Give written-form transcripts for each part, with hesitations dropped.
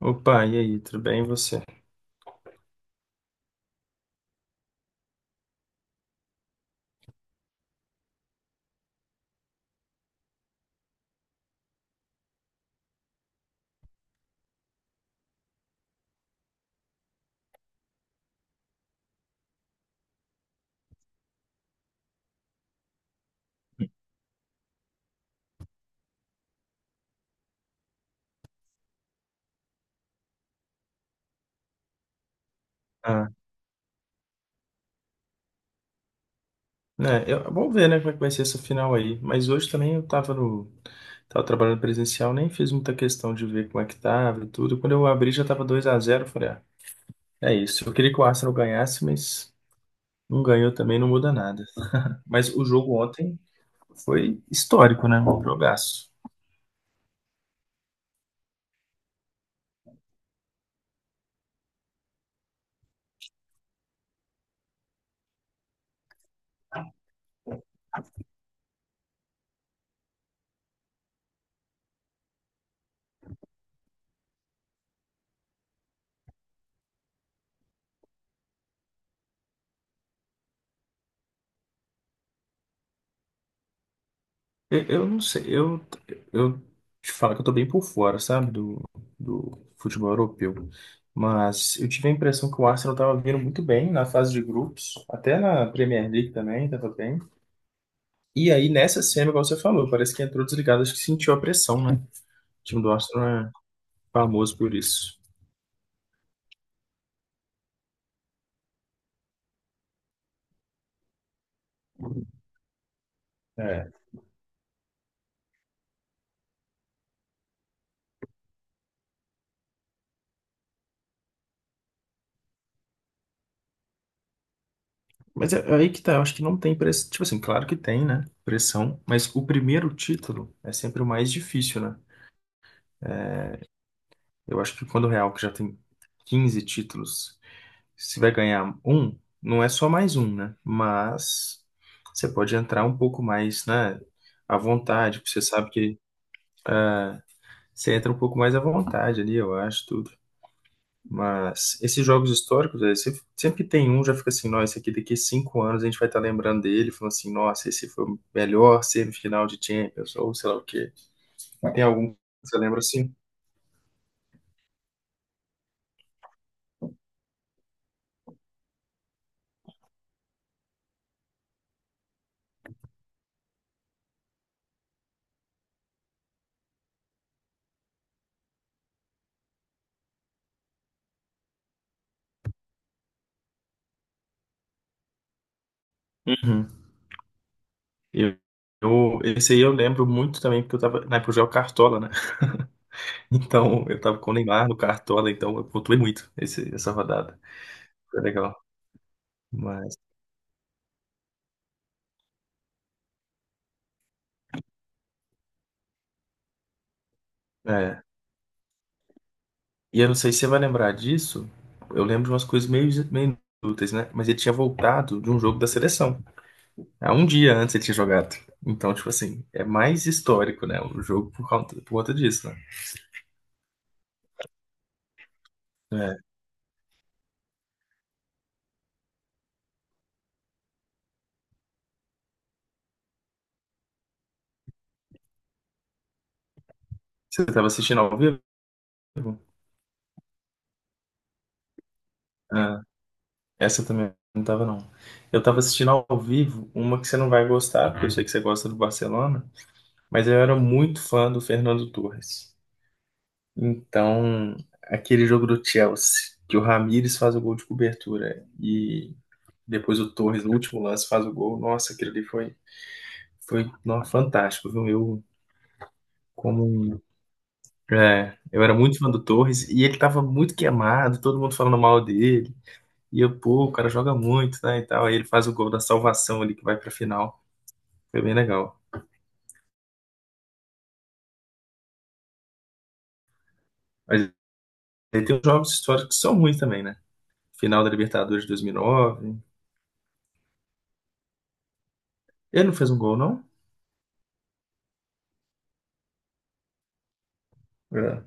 Opa, e aí, tudo bem e você? Ah, né, vamos ver, né, como é que vai ser essa final aí. Mas hoje também eu tava tava trabalhando presencial, nem fiz muita questão de ver como é que tava e tudo. Quando eu abri já tava 2-0, eu falei, ah, é isso. Eu queria que o Arsenal ganhasse, mas não ganhou também, não muda nada. Mas o jogo ontem foi histórico, né? Um jogaço. Eu não sei, eu te falo que eu tô bem por fora, sabe, do futebol europeu. Mas eu tive a impressão que o Arsenal tava vindo muito bem na fase de grupos, até na Premier League também, tava bem. E aí nessa semi, igual você falou, parece que entrou desligado, acho que sentiu a pressão, né? O time do Arsenal é famoso por isso. É, mas é aí que tá, eu acho que não tem pressão. Tipo assim, claro que tem, né? Pressão, mas o primeiro título é sempre o mais difícil, né? Eu acho que quando o Real, que já tem 15 títulos, se vai ganhar um, não é só mais um, né? Mas você pode entrar um pouco mais, né, à vontade, porque você sabe que você entra um pouco mais à vontade ali, eu acho, tudo. Mas esses jogos históricos, aí, você sempre tem um, já fica assim, nossa, esse aqui daqui a 5 anos a gente vai estar lembrando dele, falando assim, nossa, esse foi o melhor semifinal de Champions, ou sei lá o quê. Tem algum que você lembra assim? Eu, esse aí eu lembro muito também, porque eu tava, na época eu jogava Cartola, né? Então, eu tava com o Neymar no Cartola, então eu pontuei muito essa rodada. Foi legal. Mas, é. E eu não sei se você vai lembrar disso, eu lembro de umas coisas meio inúteis, né? Mas ele tinha voltado de um jogo da seleção. Há um dia antes ele tinha jogado. Então, tipo assim, é mais histórico, né? O jogo por conta disso, né? É. Você tava assistindo ao vivo? Ah. Essa também não tava, não. Eu tava assistindo ao vivo uma que você não vai gostar, porque eu sei que você gosta do Barcelona, mas eu era muito fã do Fernando Torres. Então, aquele jogo do Chelsea, que o Ramires faz o gol de cobertura e depois o Torres, no último lance, faz o gol. Nossa, aquilo ali foi, foi não, fantástico, viu? Eu, como, um, é, eu era muito fã do Torres e ele tava muito queimado, todo mundo falando mal dele. E eu, pô, o cara joga muito, né, e tal. Aí ele faz o gol da salvação ali que vai pra final. Foi bem legal. Mas aí tem os jogos históricos que são ruins também, né? Final da Libertadores de 2009. Ele não fez um gol, não? É.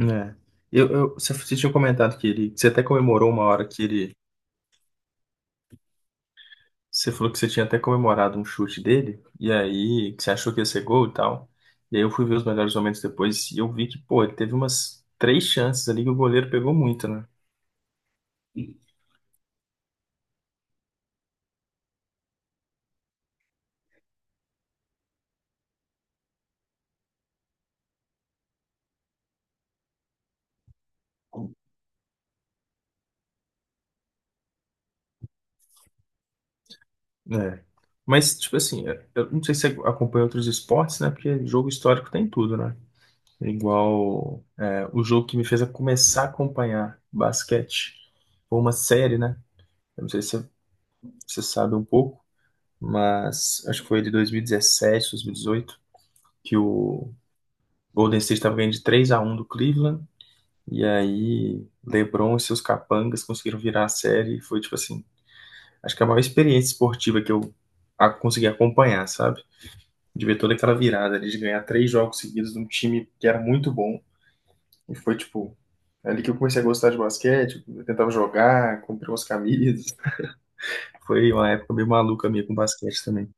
É. Você tinha comentado que ele, que você até comemorou uma hora que ele, você falou que você tinha até comemorado um chute dele, e aí que você achou que ia ser gol e tal. E aí eu fui ver os melhores momentos depois e eu vi que, pô, ele teve umas três chances ali que o goleiro pegou muito, né? É. Mas, tipo assim, eu não sei se você acompanha outros esportes, né? Porque jogo histórico tem tudo, né? Igual é, o jogo que me fez a começar a acompanhar basquete foi uma série, né? Eu não sei se você sabe um pouco, mas acho que foi de 2017, 2018, que o Golden State estava ganhando de 3 a um do Cleveland, e aí LeBron e seus capangas conseguiram virar a série, e foi tipo assim, acho que é a maior experiência esportiva que consegui acompanhar, sabe? De ver toda aquela virada ali, de ganhar três jogos seguidos de um time que era muito bom. E foi, tipo, ali que eu comecei a gostar de basquete. Eu tentava jogar, comprei umas camisas. Foi uma época meio maluca minha com basquete também.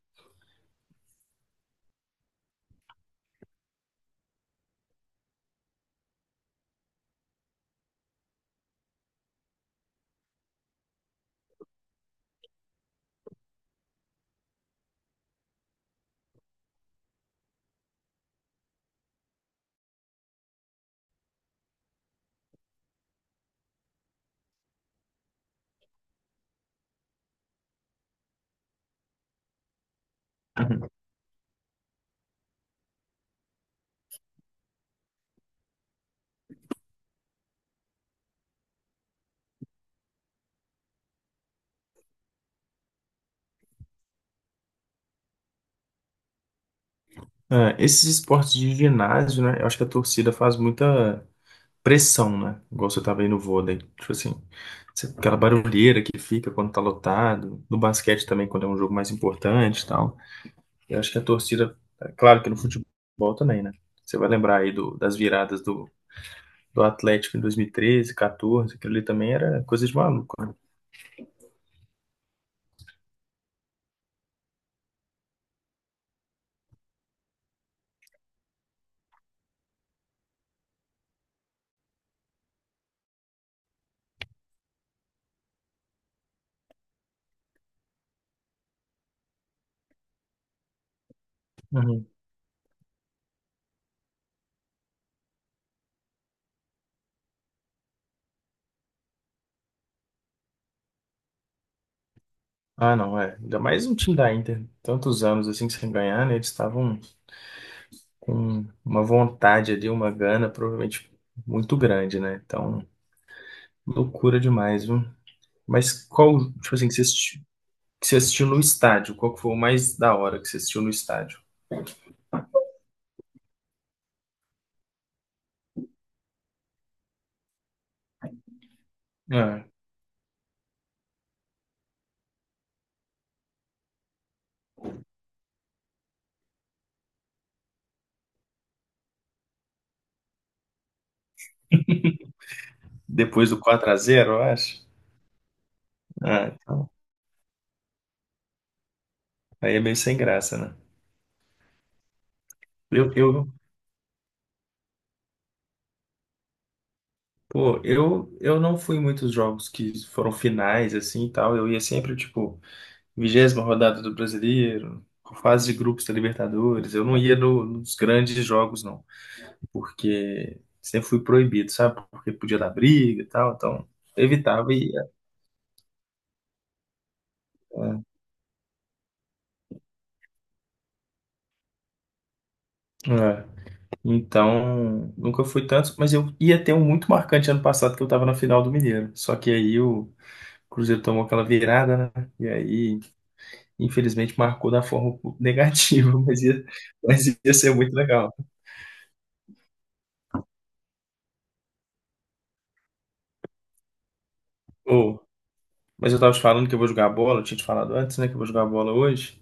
Ah, esses esportes de ginásio, né? Eu acho que a torcida faz muita pressão, né? Igual você tava aí no vôlei. Tipo assim, aquela barulheira que fica quando tá lotado. No basquete também, quando é um jogo mais importante e tal. Eu acho que a torcida, é claro que no futebol também, né? Você vai lembrar aí das viradas do Atlético em 2013, 14, aquilo ali também era coisa de maluco, né? Ah, não, é. Ainda mais um time da Inter. Tantos anos assim sem ganhar, né? Eles estavam com uma vontade ali, uma gana, provavelmente muito grande, né? Então, loucura demais, viu? Mas qual, tipo assim, que você assistiu, no estádio? Qual que foi o mais da hora que você assistiu no estádio? Ah, depois do 4-0, eu acho. Ah, então, aí é meio sem graça, né? Eu, pô, eu não fui em muitos jogos que foram finais, assim e tal. Eu ia sempre, tipo. 20ª rodada do Brasileiro, fase de grupos da Libertadores. Eu não ia nos grandes jogos, não, porque sempre fui proibido, sabe? Porque podia dar briga e tal, então evitava e ia. É. É. Então, nunca fui tanto, mas eu ia ter um muito marcante ano passado que eu tava na final do Mineiro. Só que aí o Cruzeiro tomou aquela virada, né? E aí, infelizmente, marcou da forma negativa, mas ia ser muito legal. Mas eu tava te falando que eu vou jogar bola, eu tinha te falado antes, né, que eu vou jogar bola hoje.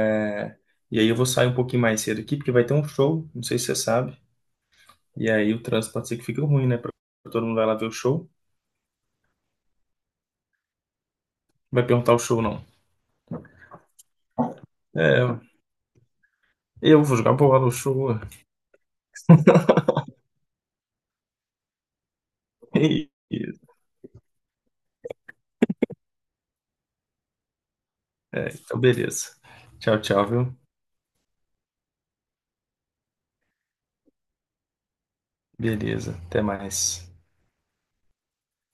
É, e aí eu vou sair um pouquinho mais cedo aqui, porque vai ter um show, não sei se você sabe. E aí o trânsito pode ser que fique ruim, né? Pra todo mundo vai lá ver o show. Vai perguntar o show, não. É, eu vou jogar bola, o show. É, então beleza. Tchau, tchau, viu? Beleza, até mais.